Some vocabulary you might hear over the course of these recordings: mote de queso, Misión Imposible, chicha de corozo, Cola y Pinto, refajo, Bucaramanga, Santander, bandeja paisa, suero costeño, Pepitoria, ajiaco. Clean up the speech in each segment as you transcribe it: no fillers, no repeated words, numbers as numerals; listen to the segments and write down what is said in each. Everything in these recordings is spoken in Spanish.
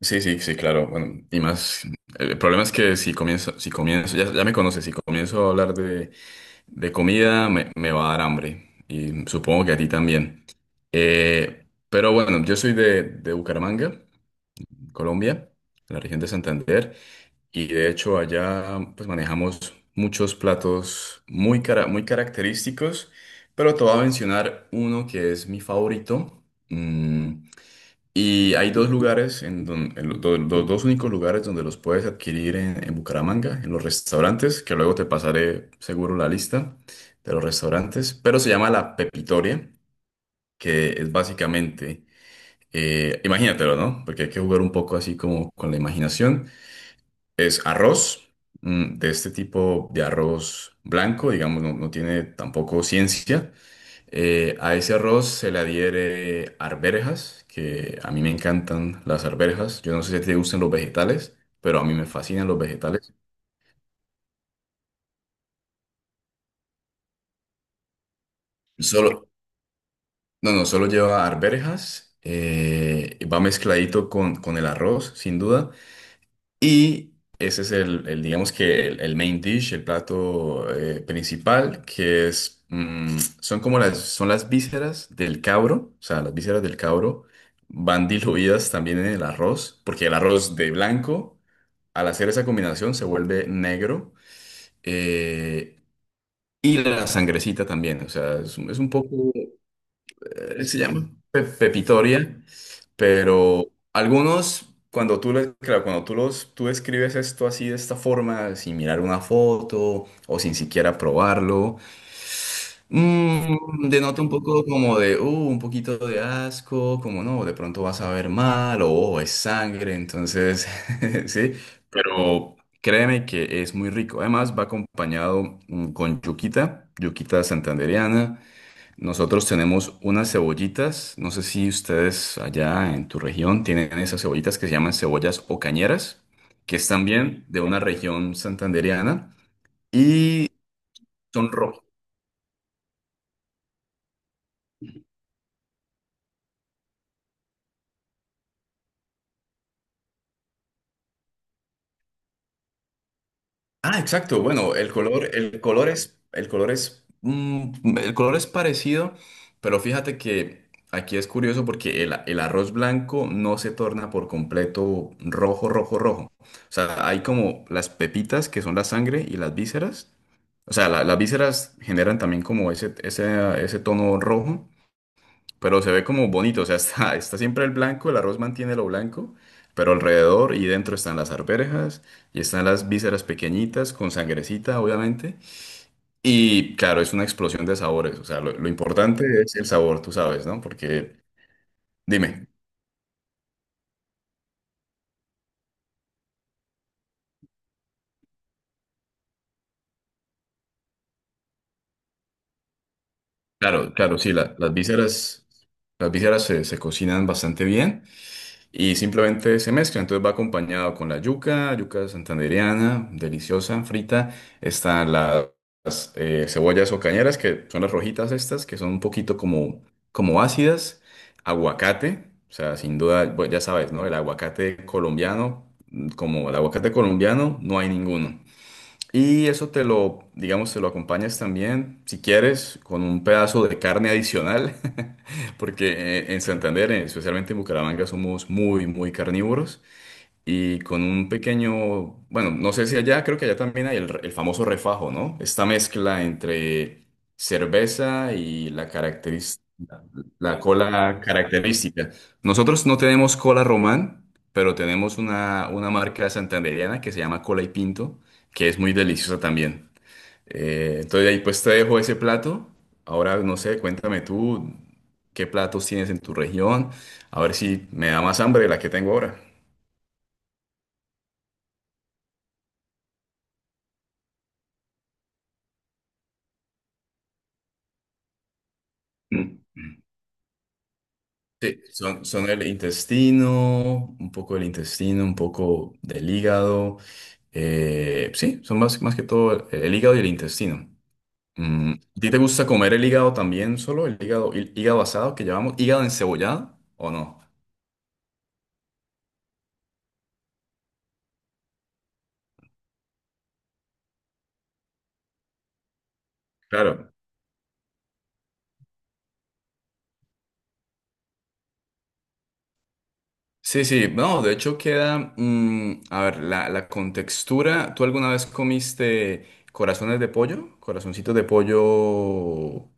Sí, sí, sí, claro. Bueno, y más, el problema es que si comienzo, ya me conoces, si comienzo a hablar de comida, me va a dar hambre. Y supongo que a ti también. Pero bueno, yo soy de Bucaramanga, Colombia, la región de Santander, y de hecho allá pues manejamos muchos platos muy, muy característicos, pero te voy a mencionar uno que es mi favorito. mm, y hay dos lugares, en don- en los do- los dos únicos lugares donde los puedes adquirir en Bucaramanga, en los restaurantes, que luego te pasaré seguro la lista de los restaurantes, pero se llama la Pepitoria, que es básicamente, imagínatelo, ¿no? Porque hay que jugar un poco así como con la imaginación. Es arroz, de este tipo de arroz blanco, digamos, no tiene tampoco ciencia. A ese arroz se le adhiere arvejas, que a mí me encantan las arvejas. Yo no sé si te gustan los vegetales, pero a mí me fascinan los vegetales. Solo, no, no, solo lleva arvejas, va mezcladito con el arroz, sin duda. Y ese es el, digamos que el main dish, el plato principal, que es, son como las, son las vísceras del cabro, o sea, las vísceras del cabro van diluidas también en el arroz, porque el arroz de blanco, al hacer esa combinación, se vuelve negro, eh, y la sangrecita también, o sea, es un poco se llama pepitoria, pero algunos, claro, cuando tú escribes esto así de esta forma, sin mirar una foto o sin siquiera probarlo, denota un poco como de, un poquito de asco, como no, de pronto vas a ver mal o "Oh, es sangre", entonces, sí, pero créeme que es muy rico. Además, va acompañado con yuquita, yuquita santandereana. Nosotros tenemos unas cebollitas, no sé si ustedes allá en tu región tienen esas cebollitas que se llaman cebollas o cañeras, que es también de una región santandereana y son rojas. Ah, exacto. Bueno, el color es, el color es parecido, pero fíjate que aquí es curioso porque el arroz blanco no se torna por completo rojo, rojo, rojo. O sea, hay como las pepitas que son la sangre y las vísceras. O sea, las vísceras generan también como ese tono rojo, pero se ve como bonito, o sea, está siempre el blanco, el arroz mantiene lo blanco, pero alrededor y dentro están las arvejas y están las vísceras pequeñitas con sangrecita, obviamente. Y claro, es una explosión de sabores, o sea, lo importante es el sabor, tú sabes, ¿no? Porque, dime, claro, claro, sí, las vísceras se cocinan bastante bien. Y simplemente se mezcla. Entonces va acompañado con la yuca, yuca santandereana, deliciosa, frita. Están las cebollas o cañeras, que son las rojitas estas, que son un poquito como, como ácidas. Aguacate, o sea, sin duda, bueno, ya sabes, ¿no? El aguacate colombiano, como el aguacate colombiano, no hay ninguno. Y eso te lo, digamos, te lo acompañas también, si quieres, con un pedazo de carne adicional, porque en Santander, especialmente en Bucaramanga, somos muy, muy carnívoros. Y con un pequeño, bueno, no sé si allá, creo que allá también hay el famoso refajo, ¿no? Esta mezcla entre cerveza y la cola característica. Nosotros no tenemos cola román, pero tenemos una marca santandereana que se llama Cola y Pinto, que es muy deliciosa también. Entonces ahí pues te dejo ese plato. Ahora no sé, cuéntame tú qué platos tienes en tu región. A ver si me da más hambre de la que tengo ahora. Mm. Sí, son el intestino, un poco del intestino, un poco del hígado. Sí, son más, más que todo el hígado y el intestino. Mm, ¿a ti te gusta comer el hígado también solo? El hígado asado que llamamos hígado encebollado o no? Claro. Sí, sí, no, de hecho queda, mm, a ver, la contextura, ¿tú alguna vez comiste corazones de pollo? Corazoncitos de pollo,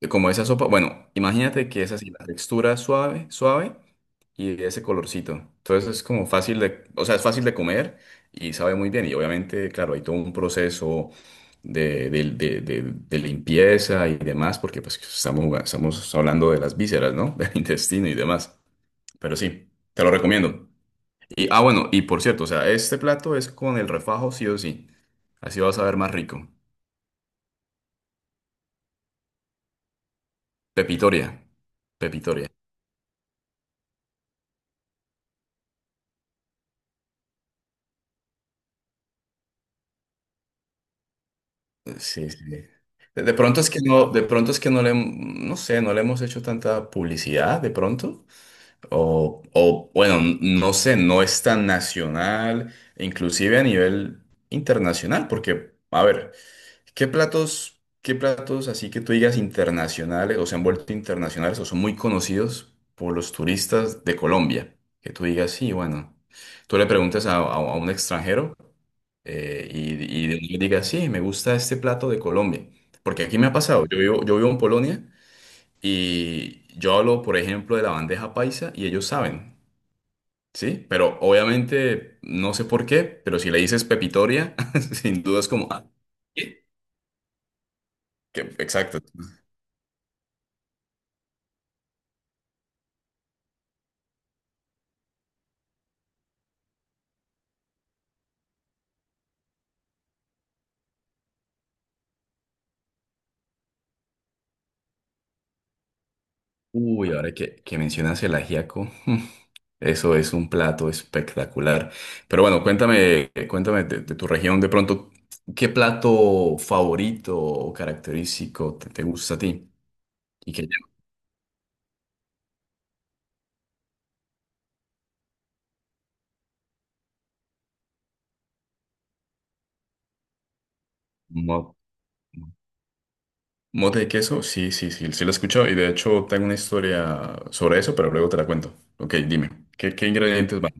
como esa sopa. Bueno, imagínate que es así, la textura suave, suave y ese colorcito. Entonces es como fácil de, o sea, es fácil de comer y sabe muy bien. Y obviamente, claro, hay todo un proceso de limpieza y demás, porque pues estamos hablando de las vísceras, ¿no? Del intestino y demás. Pero sí, te lo recomiendo. Y, ah, bueno, y por cierto, o sea, este plato es con el refajo sí o sí. Así vas a ver más rico. Pepitoria. Pepitoria. Sí, sí. De pronto es que no, de pronto es que no le, no sé, no le hemos hecho tanta publicidad de pronto. O bueno, no sé, no es tan nacional, inclusive a nivel internacional, porque, a ver, ¿qué platos, qué platos así que tú digas internacionales o se han vuelto internacionales o son muy conocidos por los turistas de Colombia? Que tú digas, sí, bueno, tú le preguntas a, a un extranjero eh, y, y le digas, sí, me gusta este plato de Colombia. Porque aquí me ha pasado, yo vivo en Polonia y yo hablo, por ejemplo, de la bandeja paisa y ellos saben, ¿sí? Pero obviamente, no sé por qué, pero si le dices pepitoria, sin duda es como... "Ah, ¿qué?". Exacto. Uy, ahora que mencionas el ajiaco, mm, eso es un plato espectacular. Pero bueno, cuéntame, cuéntame de tu región de pronto, ¿qué plato favorito o característico te, te gusta a ti? Y que mo- mote de queso, sí, sí, sí, sí lo he escuchado y de hecho tengo una historia sobre eso, pero luego te la cuento. Ok, dime, ¿qué, qué ingredientes van?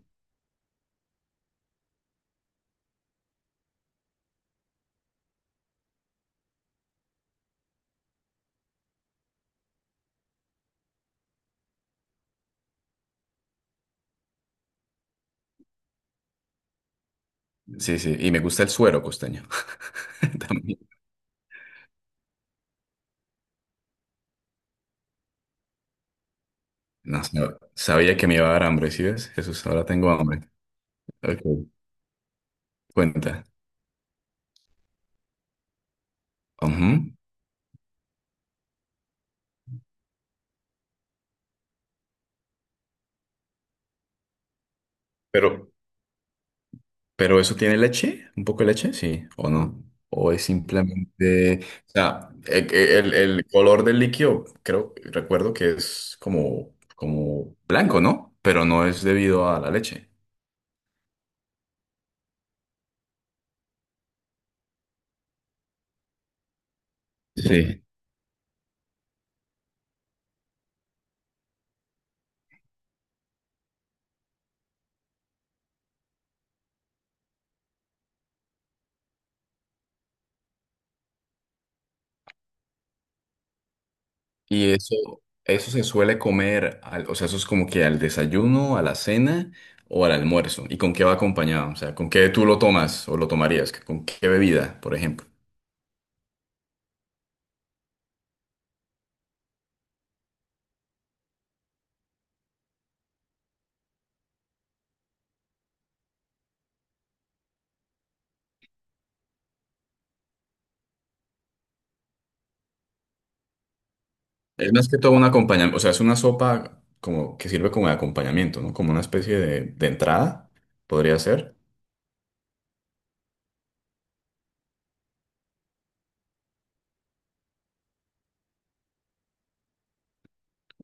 Sí, sí, y me gusta el suero costeño también. No, sabía que me iba a dar hambre, ¿sí ves? Jesús, ahora tengo hambre. Ok, cuenta. Ujú. Pero, pero ¿eso tiene leche? ¿Un poco de leche? Sí, ¿o no? ¿O es simplemente, o sea, el color del líquido, creo, recuerdo que es como, como blanco, ¿no? Pero no es debido a la leche. Sí. Y eso se suele comer, o sea, eso es como que al desayuno, a la cena o al almuerzo. ¿Y con qué va acompañado? O sea, ¿con qué tú lo tomas o lo tomarías? ¿Con qué bebida, por ejemplo? Es más que todo un acompañamiento, o sea, es una sopa como que sirve como de acompañamiento, ¿no? Como una especie de entrada, podría ser.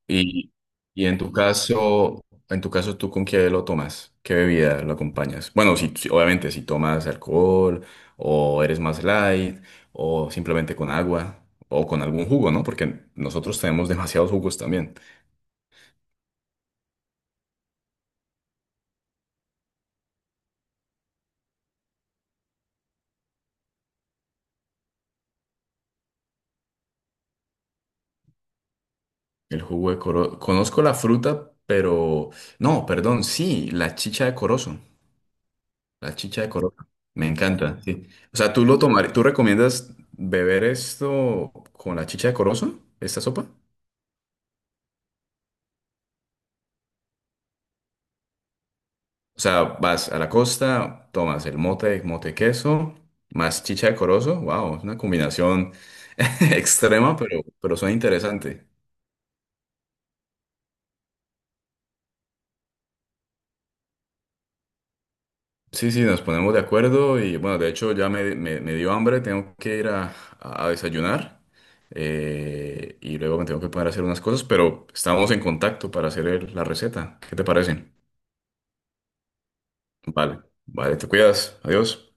Y, y en tu caso, ¿tú con qué lo tomas? ¿Qué bebida lo acompañas? Bueno, obviamente si tomas alcohol o eres más light o simplemente con agua o con algún jugo, ¿no? Porque nosotros tenemos demasiados jugos también. El jugo de coro, conozco la fruta, pero no, perdón, sí, la chicha de corozo. La chicha de coroca. Me encanta, sí. O sea, ¿tú lo tomar, tú recomiendas beber esto con la chicha de corozo, esta sopa? O sea, vas a la costa, tomas el mote, mote queso, más chicha de corozo. Wow, es una combinación extrema, pero suena interesante. Sí, sí, nos ponemos de acuerdo y bueno, de hecho ya me, me dio hambre, tengo que ir a desayunar y luego me tengo que poner a hacer unas cosas, pero estamos en contacto para hacer la receta. ¿Qué te parece? Vale, vale, te cuidas. Adiós.